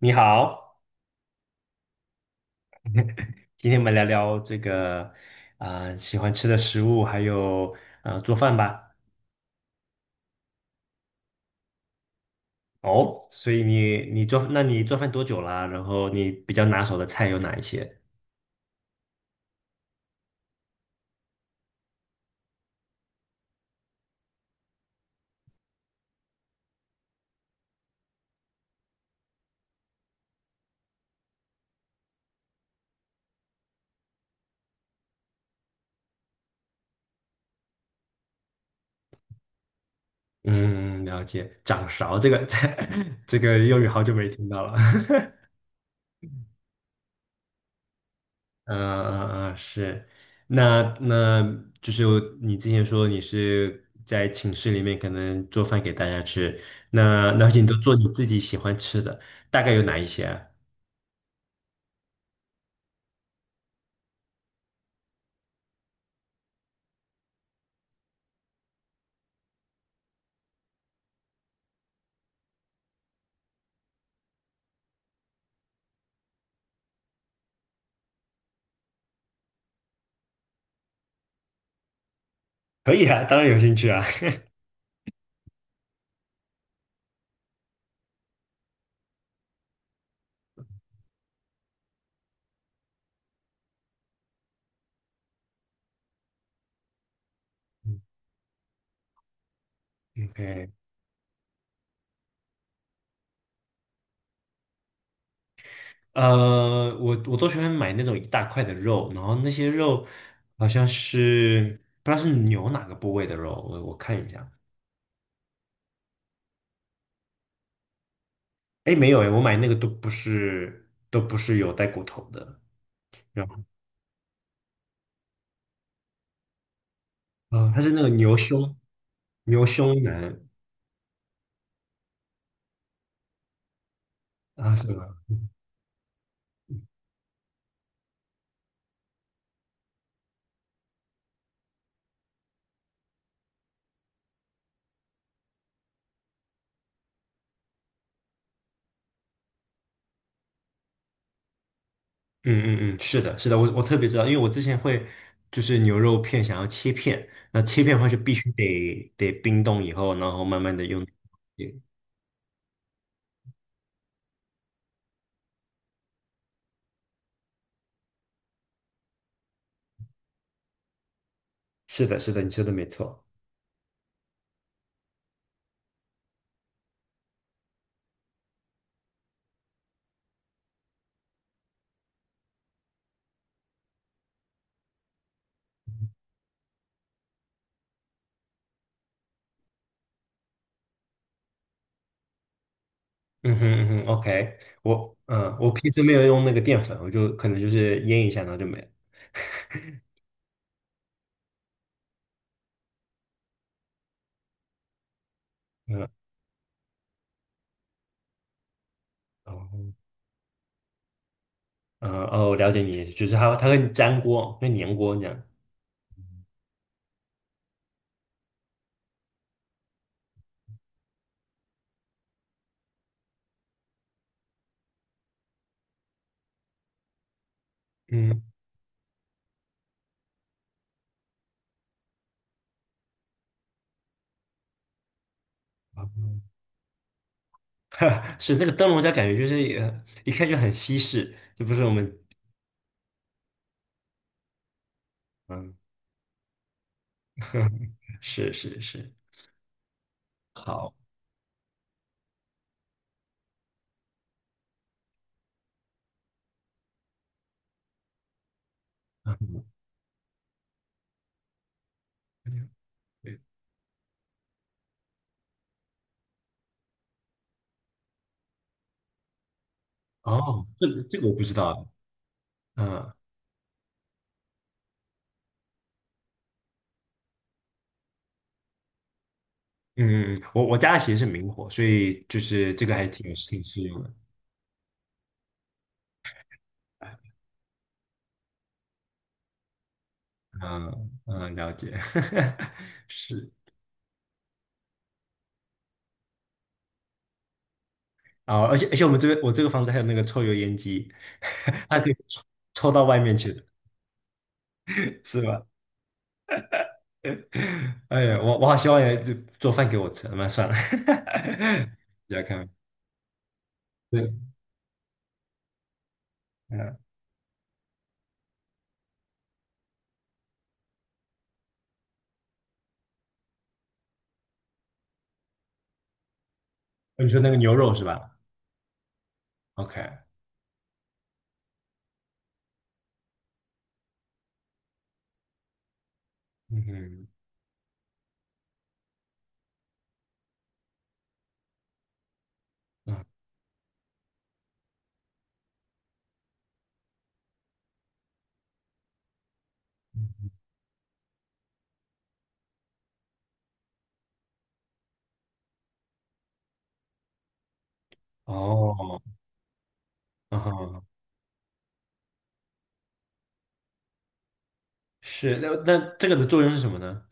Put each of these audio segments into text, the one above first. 你好，今天我们聊聊这个喜欢吃的食物，还有做饭吧。哦，所以你，那你做饭多久啦？然后你比较拿手的菜有哪一些？嗯，了解。掌勺这个 这个用语好久没听到了。嗯，是。那那就是你之前说你是在寝室里面可能做饭给大家吃，那你都做你自己喜欢吃的，大概有哪一些啊？可以啊，当然有兴趣啊。OK，呃，我都喜欢买那种一大块的肉，然后那些肉好像是不知道是牛哪个部位的肉，我看一下。哎，没有哎，我买那个都不是有带骨头的，然后啊，它是那个牛胸腩啊，是吗？嗯，是的，是的，我特别知道，因为我之前会就是牛肉片想要切片，那切片的话就必须得冰冻以后，然后慢慢的用。是的，是的，你说的没错。嗯哼嗯哼，OK，我嗯，我平时没有用那个淀粉，我就可能就是腌一下，然后就没了。嗯，哦，嗯，哦，了解你，就是它会粘锅，会粘锅这样。嗯，哦 是那个灯笼椒，感觉就是一看就很西式，就不是我们嗯，是是是，好，对哦，这个这个我不知道，嗯嗯嗯，嗯，我我家其实是明火，所以就是这个还挺适用的。嗯嗯，了解，是啊，而且我们这边我这个房子还有那个抽油烟机，它可以抽到外面去的，是吧？哎呀，我好希望有人就做饭给我吃，那算了，你来看，对，嗯，哦你说那个牛肉是吧？OK，嗯嗯啊哦，嗯哼是，那那这个的作用是什么呢？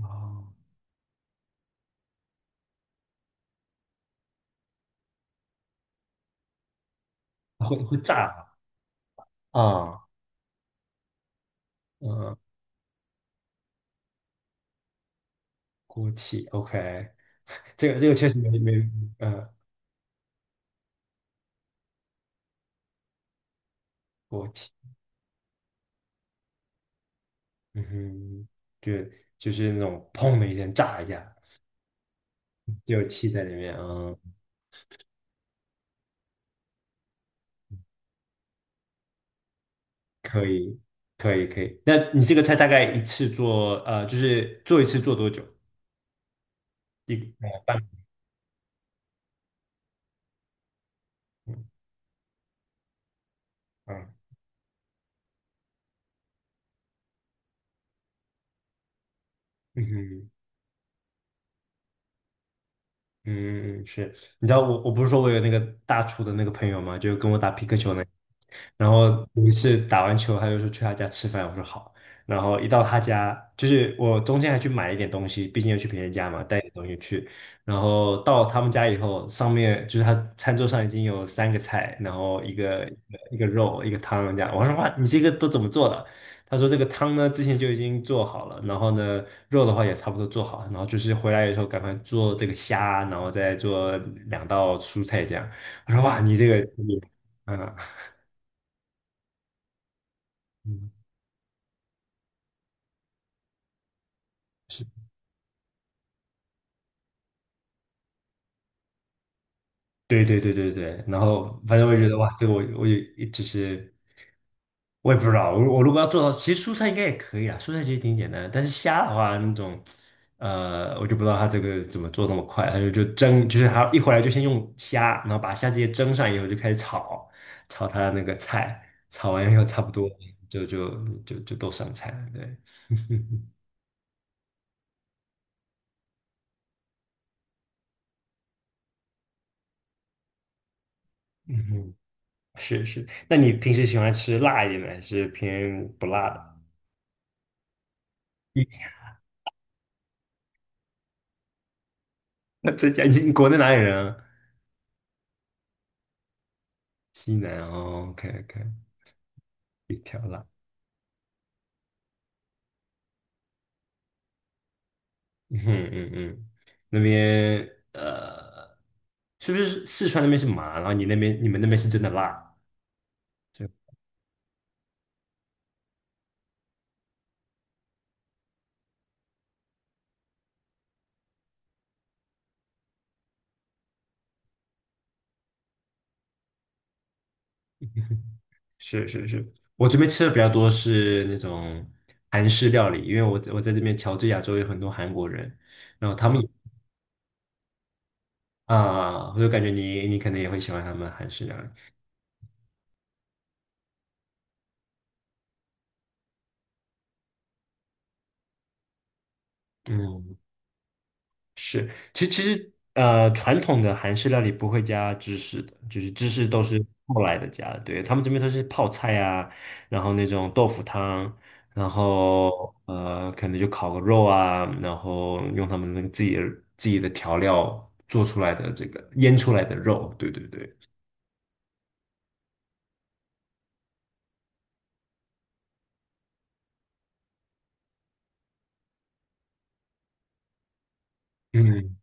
哦，会炸啊，啊嗯，锅气，OK，这个这个确实没没，嗯。锅气，嗯哼，就就是那种砰的一声炸一下，就有气在里面，嗯，可以，可以，可以。那你这个菜大概一次做，呃，就是做一次做多久？一呃半，嗯嗯嗯哼。嗯，是，你知道我不是说我有那个大厨的那个朋友嘛，就跟我打皮克球那个然后有一次打完球，他就说去他家吃饭，我说好，然后一到他家，就是我中间还去买一点东西，毕竟要去别人家嘛，带点东西去，然后到他们家以后，上面就是他餐桌上已经有3个菜，然后一个肉，一个汤这样，我说哇，你这个都怎么做的？他说这个汤呢之前就已经做好了，然后呢肉的话也差不多做好了，然后就是回来的时候赶快做这个虾，然后再做2道蔬菜这样。我说哇，你这个，嗯嗯，是对对对对对，然后反正我也觉得哇，这个我也只是我也不知道，我如果要做到，其实蔬菜应该也可以啊，蔬菜其实挺简单的，但是虾的话那种，呃，我就不知道它这个怎么做那么快，它就蒸，就是它一回来就先用虾，然后把虾直接蒸上以后就开始炒，炒它的那个菜，炒完以后差不多就就就都上菜了，对，嗯哼，是是，那你平时喜欢吃辣一点的，还是偏不辣的？那浙江，你国内哪里人啊？西南哦，OK OK，一条啦，嗯嗯，那边呃，是不是四川那边是麻，然后你们那边是真的辣？是是是是，我这边吃的比较多是那种韩式料理，因为我在这边乔治亚州有很多韩国人，然后他们也啊，我就感觉你可能也会喜欢他们韩式料理，嗯。是，其其实呃，传统的韩式料理不会加芝士的，就是芝士都是后来的加的。对，他们这边都是泡菜啊，然后那种豆腐汤，然后呃，可能就烤个肉啊，然后用他们那个自己的调料做出来的这个腌出来的肉。对对对，嗯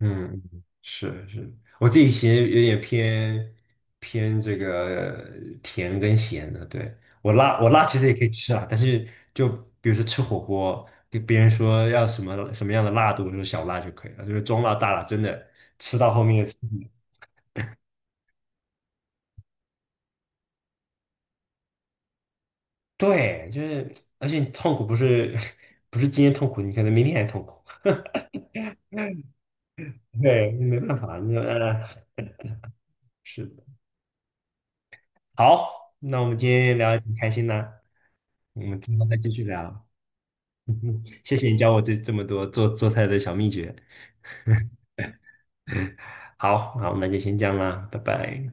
嗯，是是，我自己其实有点偏这个甜跟咸的。对，我辣其实也可以吃啊，但是就比如说吃火锅，跟别人说要什么什么样的辣度，就说小辣就可以了，就是中辣、大辣，真的吃到后面也吃不了对，就是，而且你痛苦不是 不是今天痛苦，你可能明天还痛苦。对，没办法，那呃，哎是的。好，那我们今天聊的挺开心的，我们之后再继续聊。嗯哼谢谢你教我这么多做菜的小秘诀。好，好，那就先这样啦，拜拜。